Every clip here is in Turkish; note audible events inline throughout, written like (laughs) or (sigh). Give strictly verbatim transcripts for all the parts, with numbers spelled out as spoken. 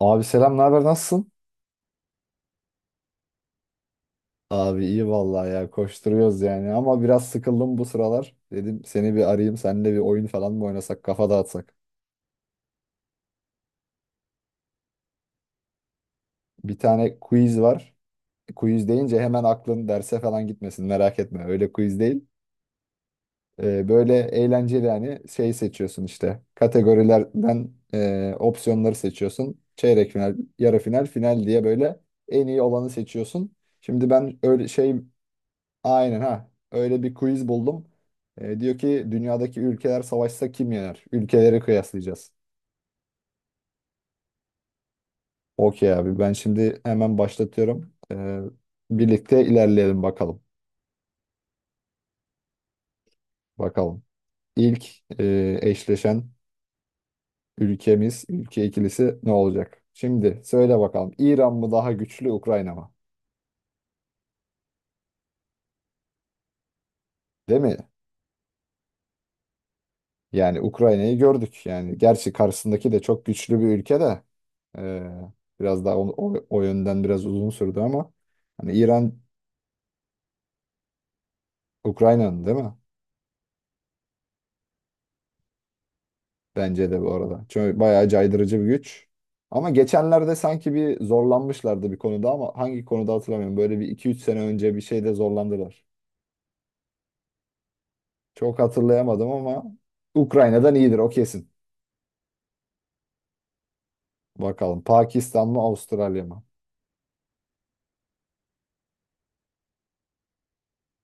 Abi selam, ne haber, nasılsın? Abi iyi vallahi ya koşturuyoruz yani ama biraz sıkıldım bu sıralar. Dedim seni bir arayayım seninle bir oyun falan mı oynasak kafa dağıtsak. Bir tane quiz var. Quiz deyince hemen aklın derse falan gitmesin, merak etme, öyle quiz değil. Ee, böyle eğlenceli, yani şey seçiyorsun işte kategorilerden, e, opsiyonları seçiyorsun. Çeyrek final, yarı final, final diye böyle en iyi olanı seçiyorsun. Şimdi ben öyle şey. Aynen ha. Öyle bir quiz buldum. Ee, diyor ki dünyadaki ülkeler savaşsa kim yener? Ülkeleri kıyaslayacağız. Okey abi, ben şimdi hemen başlatıyorum. Ee, birlikte ilerleyelim bakalım. Bakalım. İlk e, eşleşen ülkemiz, ülke ikilisi ne olacak? Şimdi söyle bakalım. İran mı daha güçlü, Ukrayna mı? Değil mi? Yani Ukrayna'yı gördük. Yani gerçi karşısındaki de çok güçlü bir ülke de. e, biraz daha o, o, o yönden biraz uzun sürdü ama. Hani İran Ukrayna'nın değil mi? Bence de bu arada. Çünkü bayağı caydırıcı bir güç. Ama geçenlerde sanki bir zorlanmışlardı bir konuda, ama hangi konuda hatırlamıyorum. Böyle bir iki üç sene önce bir şeyde zorlandılar. Çok hatırlayamadım ama Ukrayna'dan iyidir o kesin. Bakalım, Pakistan mı Avustralya mı?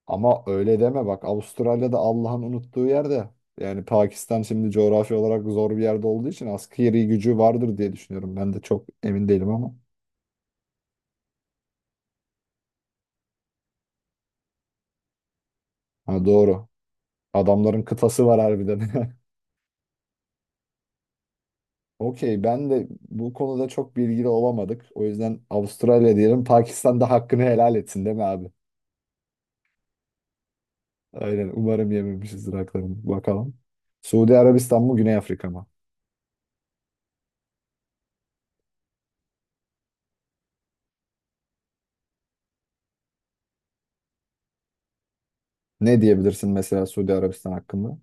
Ama öyle deme bak, Avustralya'da Allah'ın unuttuğu yerde. Yani Pakistan şimdi coğrafi olarak zor bir yerde olduğu için askeri gücü vardır diye düşünüyorum. Ben de çok emin değilim ama. Ha, doğru. Adamların kıtası var harbiden. (laughs) Okey, ben de bu konuda çok bilgili olamadık. O yüzden Avustralya diyelim. Pakistan da hakkını helal etsin, değil mi abi? Aynen. Umarım yememişizdir haklarını. Bakalım. Suudi Arabistan mı Güney Afrika mı? Ne diyebilirsin mesela Suudi Arabistan hakkında?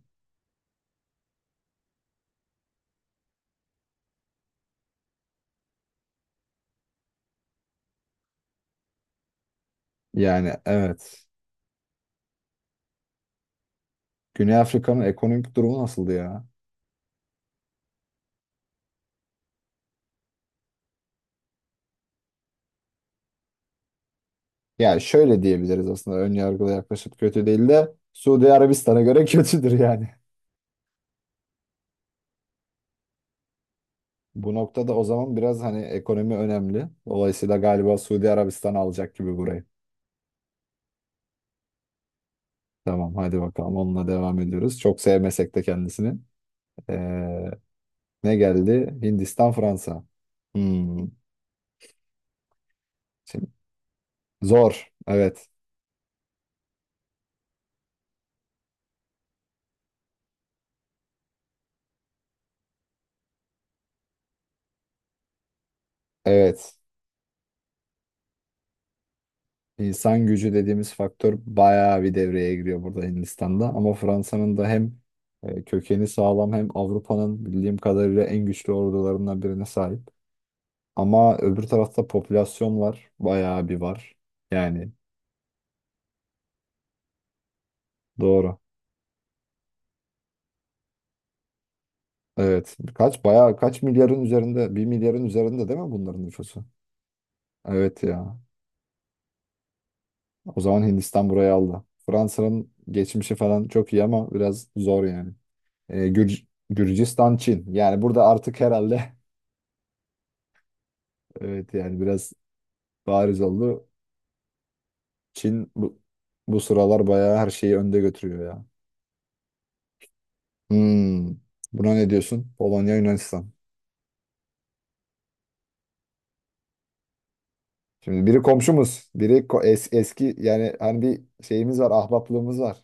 Yani evet. Güney Afrika'nın ekonomik durumu nasıldı ya? Yani şöyle diyebiliriz aslında, ön yargılı yaklaşıp kötü değil de Suudi Arabistan'a göre (laughs) kötüdür yani. Bu noktada o zaman biraz hani ekonomi önemli. Dolayısıyla galiba Suudi Arabistan alacak gibi burayı. Tamam, hadi bakalım onunla devam ediyoruz. Çok sevmesek de kendisini. Ee, ne geldi? Hindistan, Fransa. Hmm. Şimdi, zor. Evet. Evet. İnsan gücü dediğimiz faktör bayağı bir devreye giriyor burada, Hindistan'da. Ama Fransa'nın da hem e, kökeni sağlam, hem Avrupa'nın bildiğim kadarıyla en güçlü ordularından birine sahip. Ama öbür tarafta popülasyon var. Bayağı bir var. Yani doğru. Evet. Kaç, bayağı, kaç milyarın üzerinde, bir milyarın üzerinde değil mi bunların nüfusu? Evet ya. O zaman Hindistan burayı aldı. Fransa'nın geçmişi falan çok iyi ama biraz zor yani. Ee, Gür- Gürcistan, Çin. Yani burada artık herhalde (laughs) evet, yani biraz bariz oldu. Çin bu, bu sıralar bayağı her şeyi önde götürüyor ya. Hmm. Buna ne diyorsun? Polonya, Yunanistan. Şimdi biri komşumuz, biri ko- es- eski, yani hani bir şeyimiz var, ahbaplığımız var.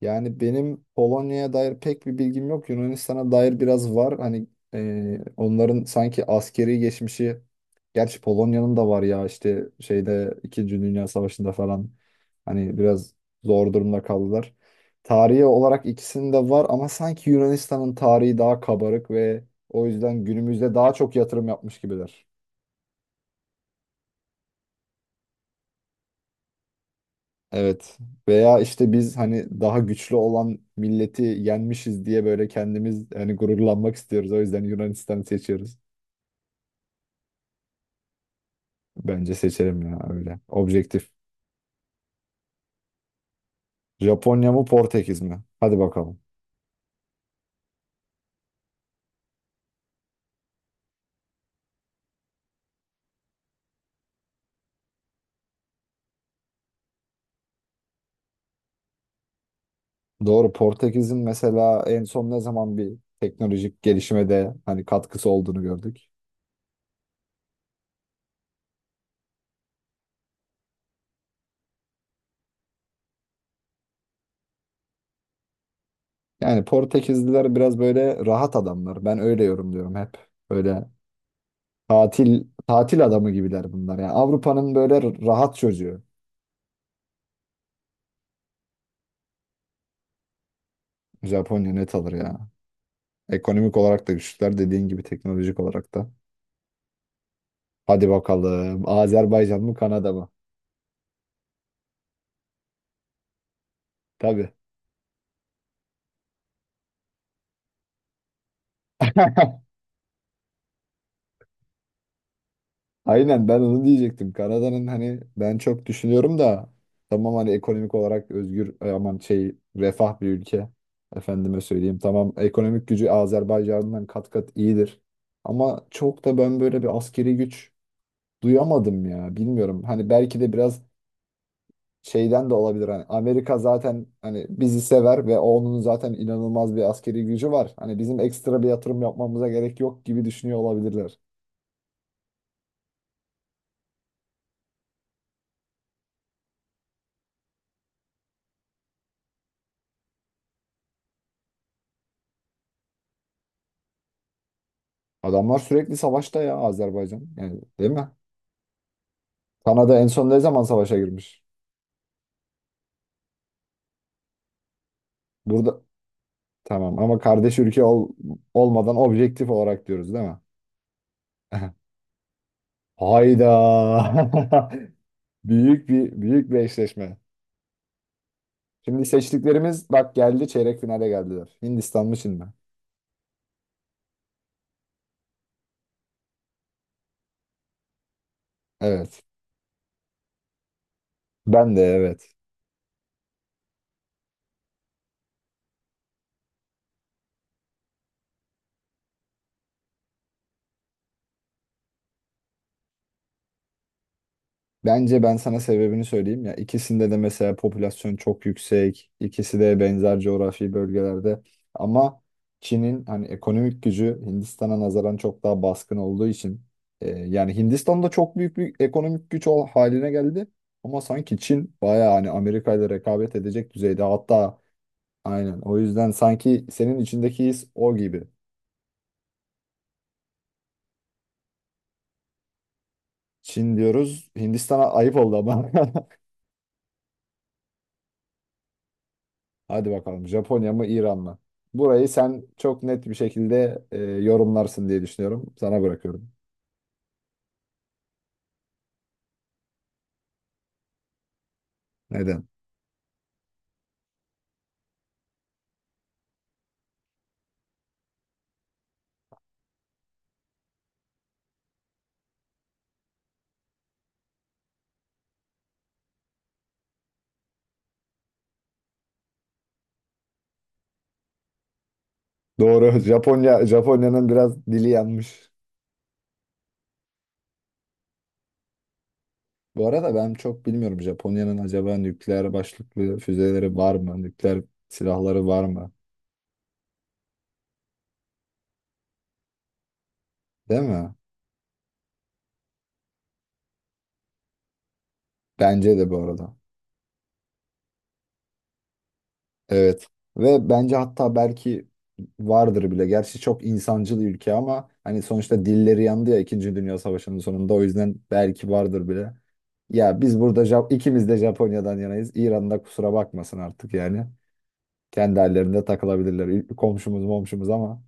Yani benim Polonya'ya dair pek bir bilgim yok. Yunanistan'a dair biraz var. Hani e, onların sanki askeri geçmişi, gerçi Polonya'nın da var ya işte şeyde, İkinci Dünya Savaşı'nda falan hani biraz zor durumda kaldılar. Tarihi olarak ikisinin de var ama sanki Yunanistan'ın tarihi daha kabarık ve o yüzden günümüzde daha çok yatırım yapmış gibiler. Evet. Veya işte biz hani daha güçlü olan milleti yenmişiz diye böyle kendimiz hani gururlanmak istiyoruz. O yüzden Yunanistanı seçiyoruz. Bence seçelim ya öyle. Objektif. Japonya mı Portekiz mi? Hadi bakalım. Doğru, Portekiz'in mesela en son ne zaman bir teknolojik gelişime de hani katkısı olduğunu gördük. Yani Portekizliler biraz böyle rahat adamlar. Ben öyle yorumluyorum hep. Böyle tatil tatil adamı gibiler bunlar. Yani Avrupa'nın böyle rahat çocuğu. Japonya net alır ya. Ekonomik olarak da güçlüler, dediğin gibi teknolojik olarak da. Hadi bakalım. Azerbaycan mı Kanada mı? Tabii. (laughs) Aynen, ben onu diyecektim. Kanada'nın hani ben çok düşünüyorum da, tamam hani ekonomik olarak özgür, e, aman şey refah bir ülke. Efendime söyleyeyim. Tamam, ekonomik gücü Azerbaycan'dan kat kat iyidir. Ama çok da ben böyle bir askeri güç duyamadım ya. Bilmiyorum. Hani belki de biraz şeyden de olabilir, hani Amerika zaten hani bizi sever ve onun zaten inanılmaz bir askeri gücü var. Hani bizim ekstra bir yatırım yapmamıza gerek yok gibi düşünüyor olabilirler. Adamlar sürekli savaşta ya, Azerbaycan. Yani değil mi? Kanada en son ne zaman savaşa girmiş? Burada tamam, ama kardeş ülke ol, olmadan objektif olarak diyoruz değil mi? (laughs) Hayda. (laughs) Büyük bir büyük bir eşleşme. Şimdi seçtiklerimiz bak geldi, çeyrek finale geldiler. Hindistan mı Çin mi? Evet. Ben de evet. Bence ben sana sebebini söyleyeyim. Ya ikisinde de mesela popülasyon çok yüksek, ikisi de benzer coğrafi bölgelerde. Ama Çin'in hani ekonomik gücü Hindistan'a nazaran çok daha baskın olduğu için e, yani Hindistan'da çok büyük bir ekonomik güç ol, haline geldi. Ama sanki Çin bayağı hani Amerika ile rekabet edecek düzeyde. Hatta aynen, o yüzden sanki senin içindeki his o gibi. Çin diyoruz. Hindistan'a ayıp oldu ama. (laughs) Hadi bakalım, Japonya mı İran mı? Burayı sen çok net bir şekilde e, yorumlarsın diye düşünüyorum. Sana bırakıyorum. Neden? Doğru. (laughs) Japonya Japonya'nın biraz dili yanmış. Bu arada ben çok bilmiyorum, Japonya'nın acaba nükleer başlıklı füzeleri var mı? Nükleer silahları var mı? Değil mi? Bence de bu arada. Evet. Ve bence hatta belki vardır bile. Gerçi çok insancıl ülke ama hani sonuçta dilleri yandı ya İkinci Dünya Savaşı'nın sonunda, o yüzden belki vardır bile. Ya biz burada Ja- ikimiz de Japonya'dan yanayız. İran'da kusura bakmasın artık yani. Kendi hallerinde takılabilirler. Ül- Komşumuz momşumuz ama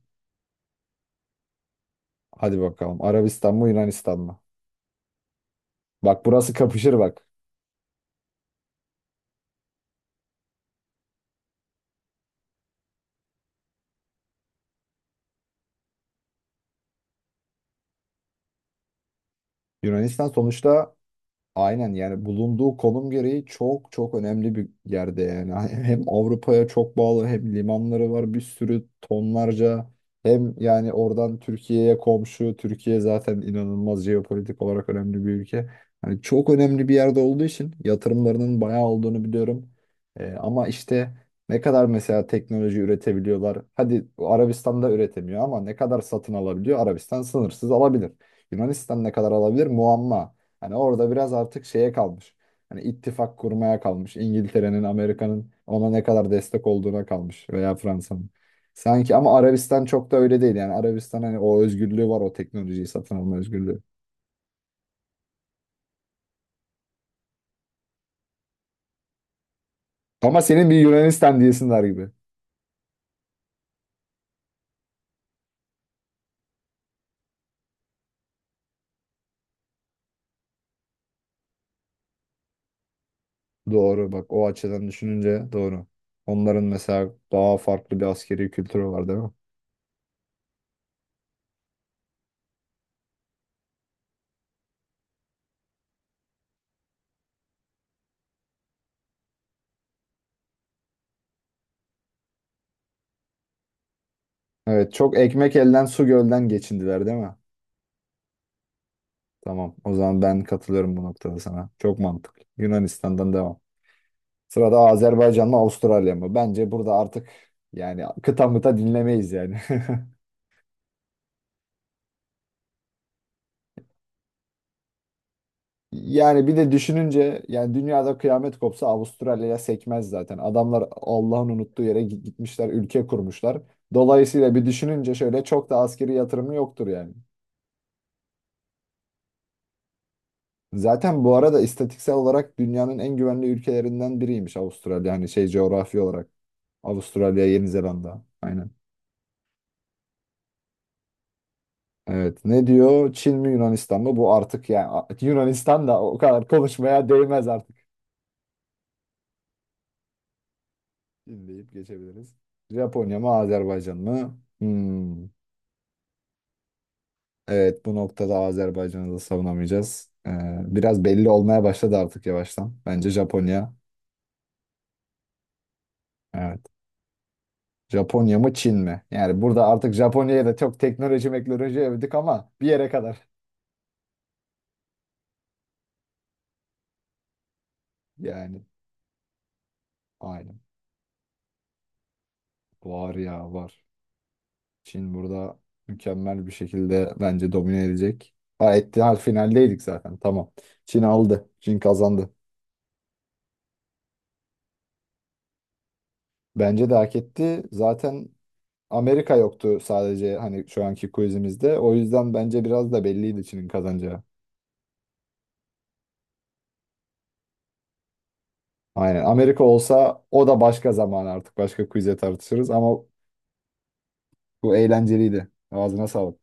hadi bakalım. Arabistan mı Yunanistan mı? Bak burası kapışır bak. Yunanistan sonuçta, aynen, yani bulunduğu konum gereği çok çok önemli bir yerde yani. Hem Avrupa'ya çok bağlı, hem limanları var bir sürü, tonlarca, hem yani oradan Türkiye'ye komşu. Türkiye zaten inanılmaz jeopolitik olarak önemli bir ülke. Hani çok önemli bir yerde olduğu için yatırımlarının bayağı olduğunu biliyorum. Ee, ama işte ne kadar mesela teknoloji üretebiliyorlar? Hadi Arabistan'da üretemiyor, ama ne kadar satın alabiliyor? Arabistan sınırsız alabilir. Yunanistan ne kadar alabilir? Muamma. Hani orada biraz artık şeye kalmış. Hani ittifak kurmaya kalmış. İngiltere'nin, Amerika'nın ona ne kadar destek olduğuna kalmış, veya Fransa'nın. Sanki ama Arabistan çok da öyle değil yani. Arabistan hani o özgürlüğü var, o teknolojiyi satın alma özgürlüğü. Ama senin bir Yunanistan diyesinler gibi. Doğru, bak o açıdan düşününce doğru. Onların mesela daha farklı bir askeri kültürü var değil mi? Evet, çok ekmek elden su gölden geçindiler değil mi? Tamam, o zaman ben katılıyorum bu noktada sana. Çok mantıklı. Yunanistan'dan devam. Sırada Azerbaycan mı Avustralya mı? Bence burada artık yani kıta mıta dinlemeyiz yani. (laughs) Yani bir de düşününce, yani dünyada kıyamet kopsa Avustralya'ya sekmez zaten. Adamlar Allah'ın unuttuğu yere git- gitmişler, ülke kurmuşlar. Dolayısıyla bir düşününce şöyle, çok da askeri yatırımı yoktur yani. Zaten bu arada istatistiksel olarak dünyanın en güvenli ülkelerinden biriymiş Avustralya. Hani şey, coğrafi olarak Avustralya, Yeni Zelanda. Aynen. Evet. Ne diyor? Çin mi Yunanistan mı? Bu artık yani Yunanistan da o kadar konuşmaya değmez artık. Çin deyip geçebiliriz. Japonya mı Azerbaycan mı? Hmm. Evet, bu noktada Azerbaycan'ı da savunamayacağız. Ee, biraz belli olmaya başladı artık yavaştan. Bence Japonya. Evet. Japonya mı Çin mi? Yani burada artık Japonya'ya da çok teknoloji meknoloji övdük ama bir yere kadar. Yani aynen. Var ya var. Çin burada mükemmel bir şekilde bence domine edecek. Ha etti, hal finaldeydik zaten. Tamam. Çin aldı. Çin kazandı. Bence de hak etti. Zaten Amerika yoktu sadece hani şu anki quizimizde. O yüzden bence biraz da belliydi Çin'in kazanacağı. Aynen. Amerika olsa o da başka zaman, artık başka quiz'e tartışırız ama bu eğlenceliydi. Ağzına sağlık.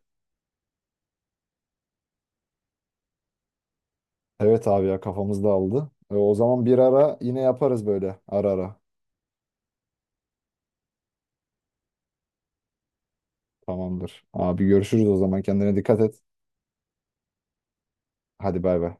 Evet abi ya, kafamız dağıldı. E, o zaman bir ara yine yaparız böyle ara ara. Tamamdır. Abi görüşürüz o zaman. Kendine dikkat et. Hadi bay bay.